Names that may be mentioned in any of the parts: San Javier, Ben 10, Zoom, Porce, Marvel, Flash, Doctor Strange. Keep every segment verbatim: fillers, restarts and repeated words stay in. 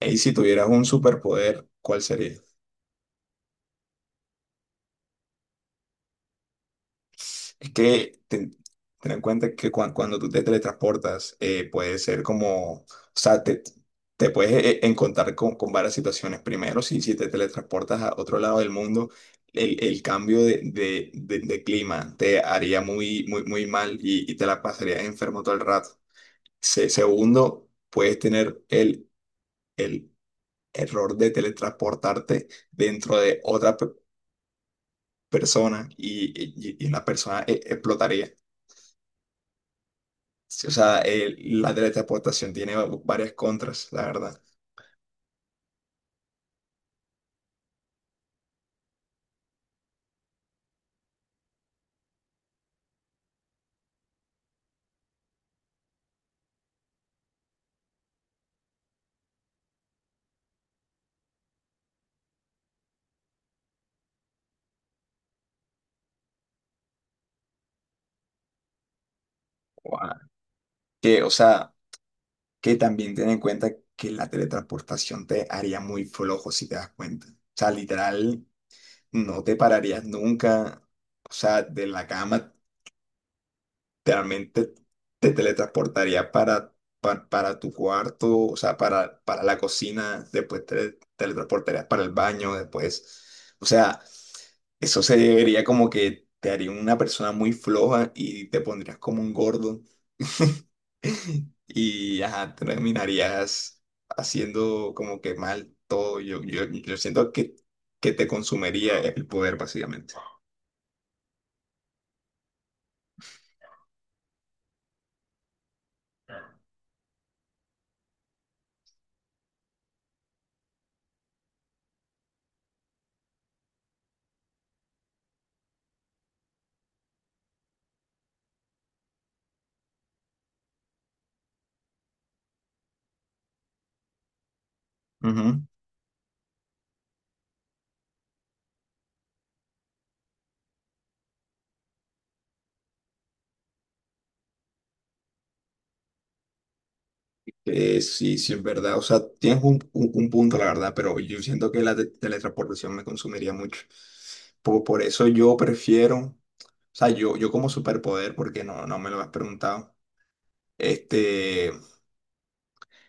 Y si tuvieras un superpoder, ¿cuál sería? Es que ten, ten en cuenta que cua- cuando tú te teletransportas, eh, puede ser como, o sea, te, te puedes eh, eh, encontrar con, con varias situaciones. Primero, si, si te teletransportas a otro lado del mundo, el, el cambio de, de- de- de clima te haría muy, muy, muy mal y, y te la pasarías enfermo todo el rato. Se- segundo, puedes tener el, el error de teletransportarte dentro de otra persona y, y- y la persona e- explotaría. Sí, o sea, el- la teletransportación tiene varias contras, la verdad. Guau. Que, o sea, que también ten en cuenta que la teletransportación te haría muy flojo si te das cuenta. O sea, literal, no te pararías nunca, o sea, de la cama realmente te teletransportaría para, pa- para tu cuarto, o sea, para, para la cocina, después te teletransportarías para el baño, después, o sea, eso sería como que te haría una persona muy floja y te pondrías como un gordo y ajá, terminarías haciendo como que mal todo. Yo, yo, yo siento que, que te consumiría el poder, básicamente. Ujú. Eh, sí, sí, es verdad. O sea, tienes un, un- un punto, la verdad, pero yo siento que la te- teletransportación me consumiría mucho. Por, por eso yo prefiero, o sea, yo, yo como superpoder, porque no, no me lo has preguntado, este,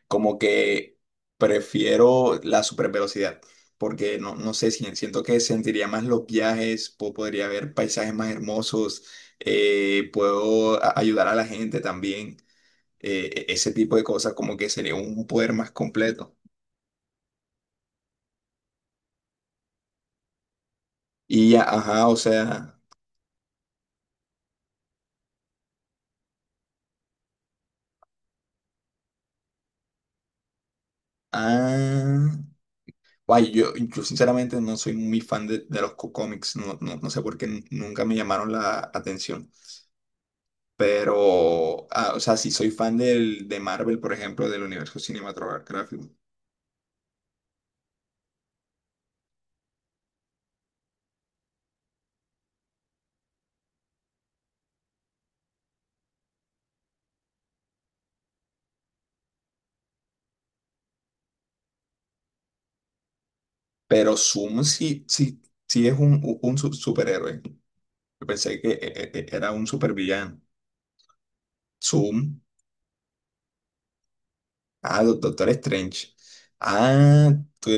como que prefiero la supervelocidad, porque no, no sé, si- siento que sentiría más los viajes, po- podría ver paisajes más hermosos, eh, puedo a- ayudar a la gente también, eh, e- ese tipo de cosas, como que sería un poder más completo. Y, a- ajá, o sea, ah, guay, yo, yo sinceramente no soy muy fan de, de los cómics, no, no, no sé por qué n- nunca me llamaron la atención, pero, ah, o sea, sí soy fan del, de Marvel, por ejemplo, del universo cinematográfico, pero Zoom sí, sí, sí es un, u- un su- superhéroe, yo pensé que e- e- e, era un supervillano, Zoom, ah, Do- Doctor Strange, ah, tú-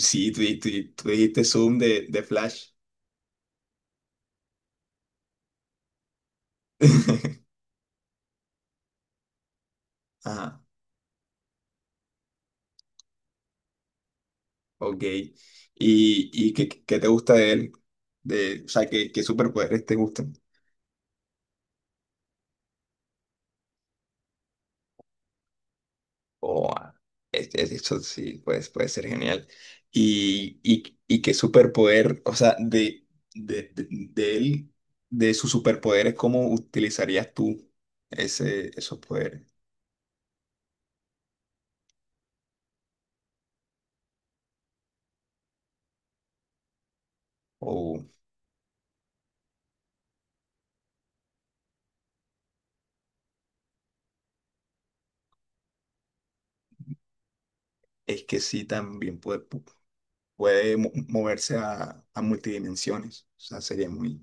sí, tú, tú- tú dijiste Zoom de, de Flash. Ajá, ok. ¿Y, y qué, qué te gusta de él? De, o sea, ¿qué, qué superpoderes te gustan? Oh, ah, es- es- eso sí, pues, puede ser genial. ¿Y, y, y qué superpoder, o sea, de, de, de, de él, de sus superpoderes, cómo utilizarías tú ese, esos poderes? O es que sí, también puede, puede mo- moverse a, a multidimensiones. O sea, sería muy...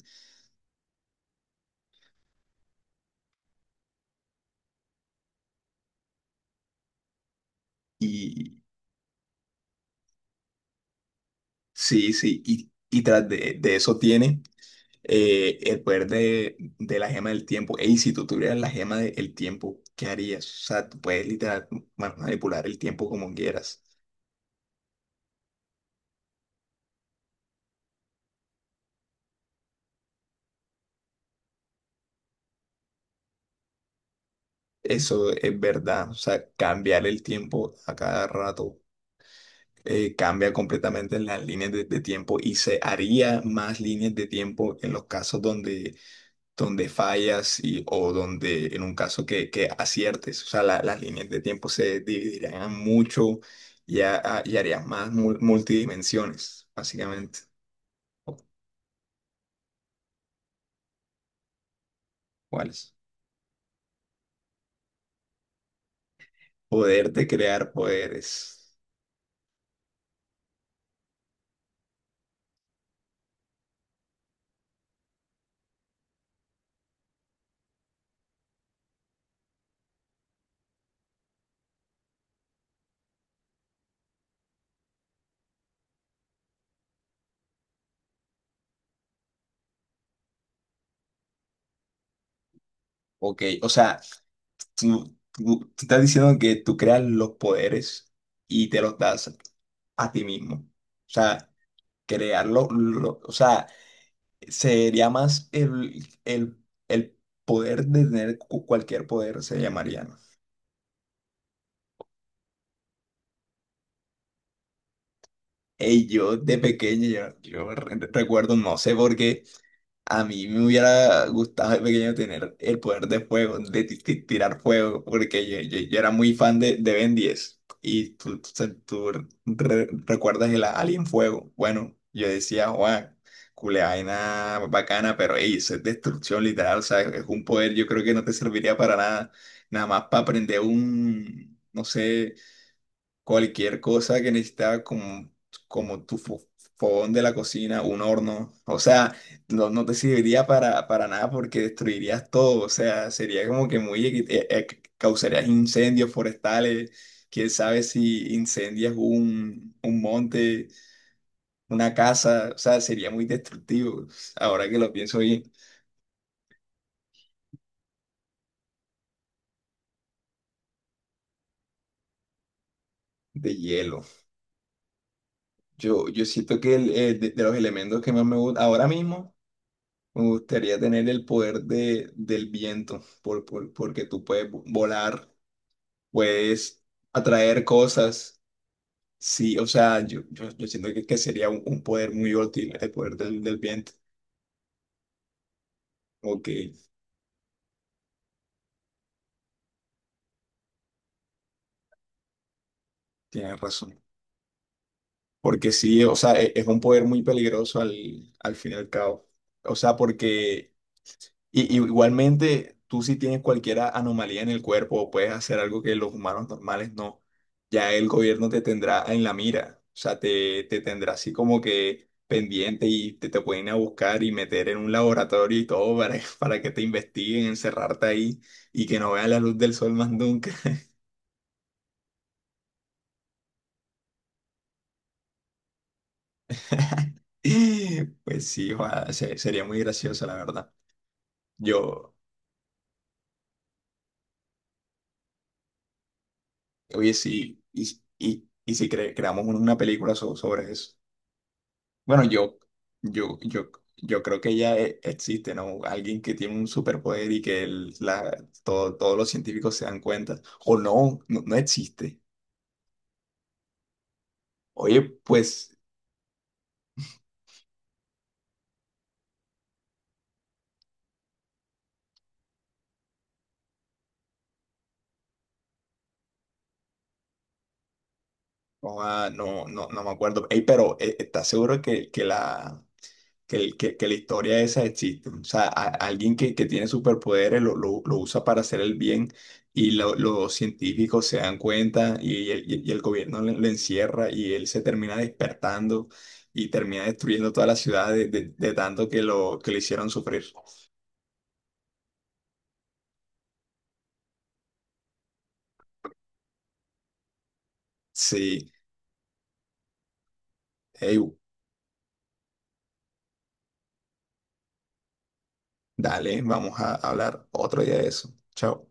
Y, sí, sí, y, y tras de, de eso tiene eh, el poder de, de la gema del tiempo. Ey, si tú tuvieras la gema del tiempo, ¿qué harías? O sea, tú puedes literal ma- manipular el tiempo como quieras. Eso es verdad. O sea, cambiar el tiempo a cada rato eh, cambia completamente las líneas de, de tiempo y se haría más líneas de tiempo en los casos donde donde fallas y, o donde en un caso que, que aciertes, o sea, la- las líneas de tiempo se dividirían mucho y, ha- y harías más mul- multidimensiones, básicamente. O- ¿Cuáles? Poder de crear poderes. Ok, o sea, tú, tú- tú estás diciendo que tú creas los poderes y te los das a ti mismo. O sea, crearlo, lo- o sea, sería más el, el, el poder de tener cu- cualquier poder, se llamaría, ¿no? Ey, yo de pequeño, yo, yo re- recuerdo, no sé por qué, a mí me hubiera gustado de pequeño tener el poder de fuego, de ti- ti- tirar fuego, porque yo, yo, yo era muy fan de, de Ben diez. Y tú, tú, se- tú re- recuerdas el Alien Fuego. Bueno, yo decía, Juan, culeaina bacana, pero ey, eso es destrucción literal, o sea, es un poder, yo creo que no te serviría para nada, nada más para aprender un, no sé cualquier cosa que necesitaba como, como tu fo- fogón de la cocina, un horno, o sea, no, no te serviría para, para nada porque destruirías todo, o sea, sería como que muy, equi- eh, eh, causarías incendios forestales, quién sabe si incendias un, un monte, una casa, o sea, sería muy destructivo, ahora que lo pienso bien, de hielo. Yo, yo siento que el, eh, de, de los elementos que más me gustan ahora mismo, me gustaría tener el poder de, del viento, por, por- porque tú puedes vo- volar, puedes atraer cosas. Sí, o sea, yo, yo, yo siento que, que sería un, un poder muy útil el poder del, del viento. Ok, tienes razón. Porque sí, o sea, e- es un poder muy peligroso al, al fin y al cabo. O sea, porque Y, y igualmente, tú si tienes cualquier a- anomalía en el cuerpo o puedes hacer algo que los humanos normales no, ya el gobierno te tendrá en la mira, o sea, te, te tendrá así como que pendiente y te, te pueden ir a buscar y meter en un laboratorio y todo para, para que te investiguen, encerrarte ahí y que no vean la luz del sol más nunca. Pues sí, ojalá, se- sería muy gracioso, la verdad. Yo, oye, sí, y, y, y si cre- creamos una película so- sobre eso. Bueno, yo, yo, yo, yo creo que ya e- existe, ¿no? Alguien que tiene un superpoder y que el- la, todo- todos los científicos se dan cuenta. O no, no, no existe. Oye, pues, no, ah, no, no, no me acuerdo. Ey, pero eh, ¿estás seguro que, que la, que, el- que- que la historia esa existe? O sea, a- alguien que, que tiene superpoderes lo, lo- lo usa para hacer el bien y lo- los científicos se dan cuenta y el, y el gobierno le- lo encierra y él se termina despertando y termina destruyendo toda la ciudad de, de- de tanto que lo, que lo hicieron sufrir. Sí, ey, dale, vamos a hablar otro día de eso. Chao.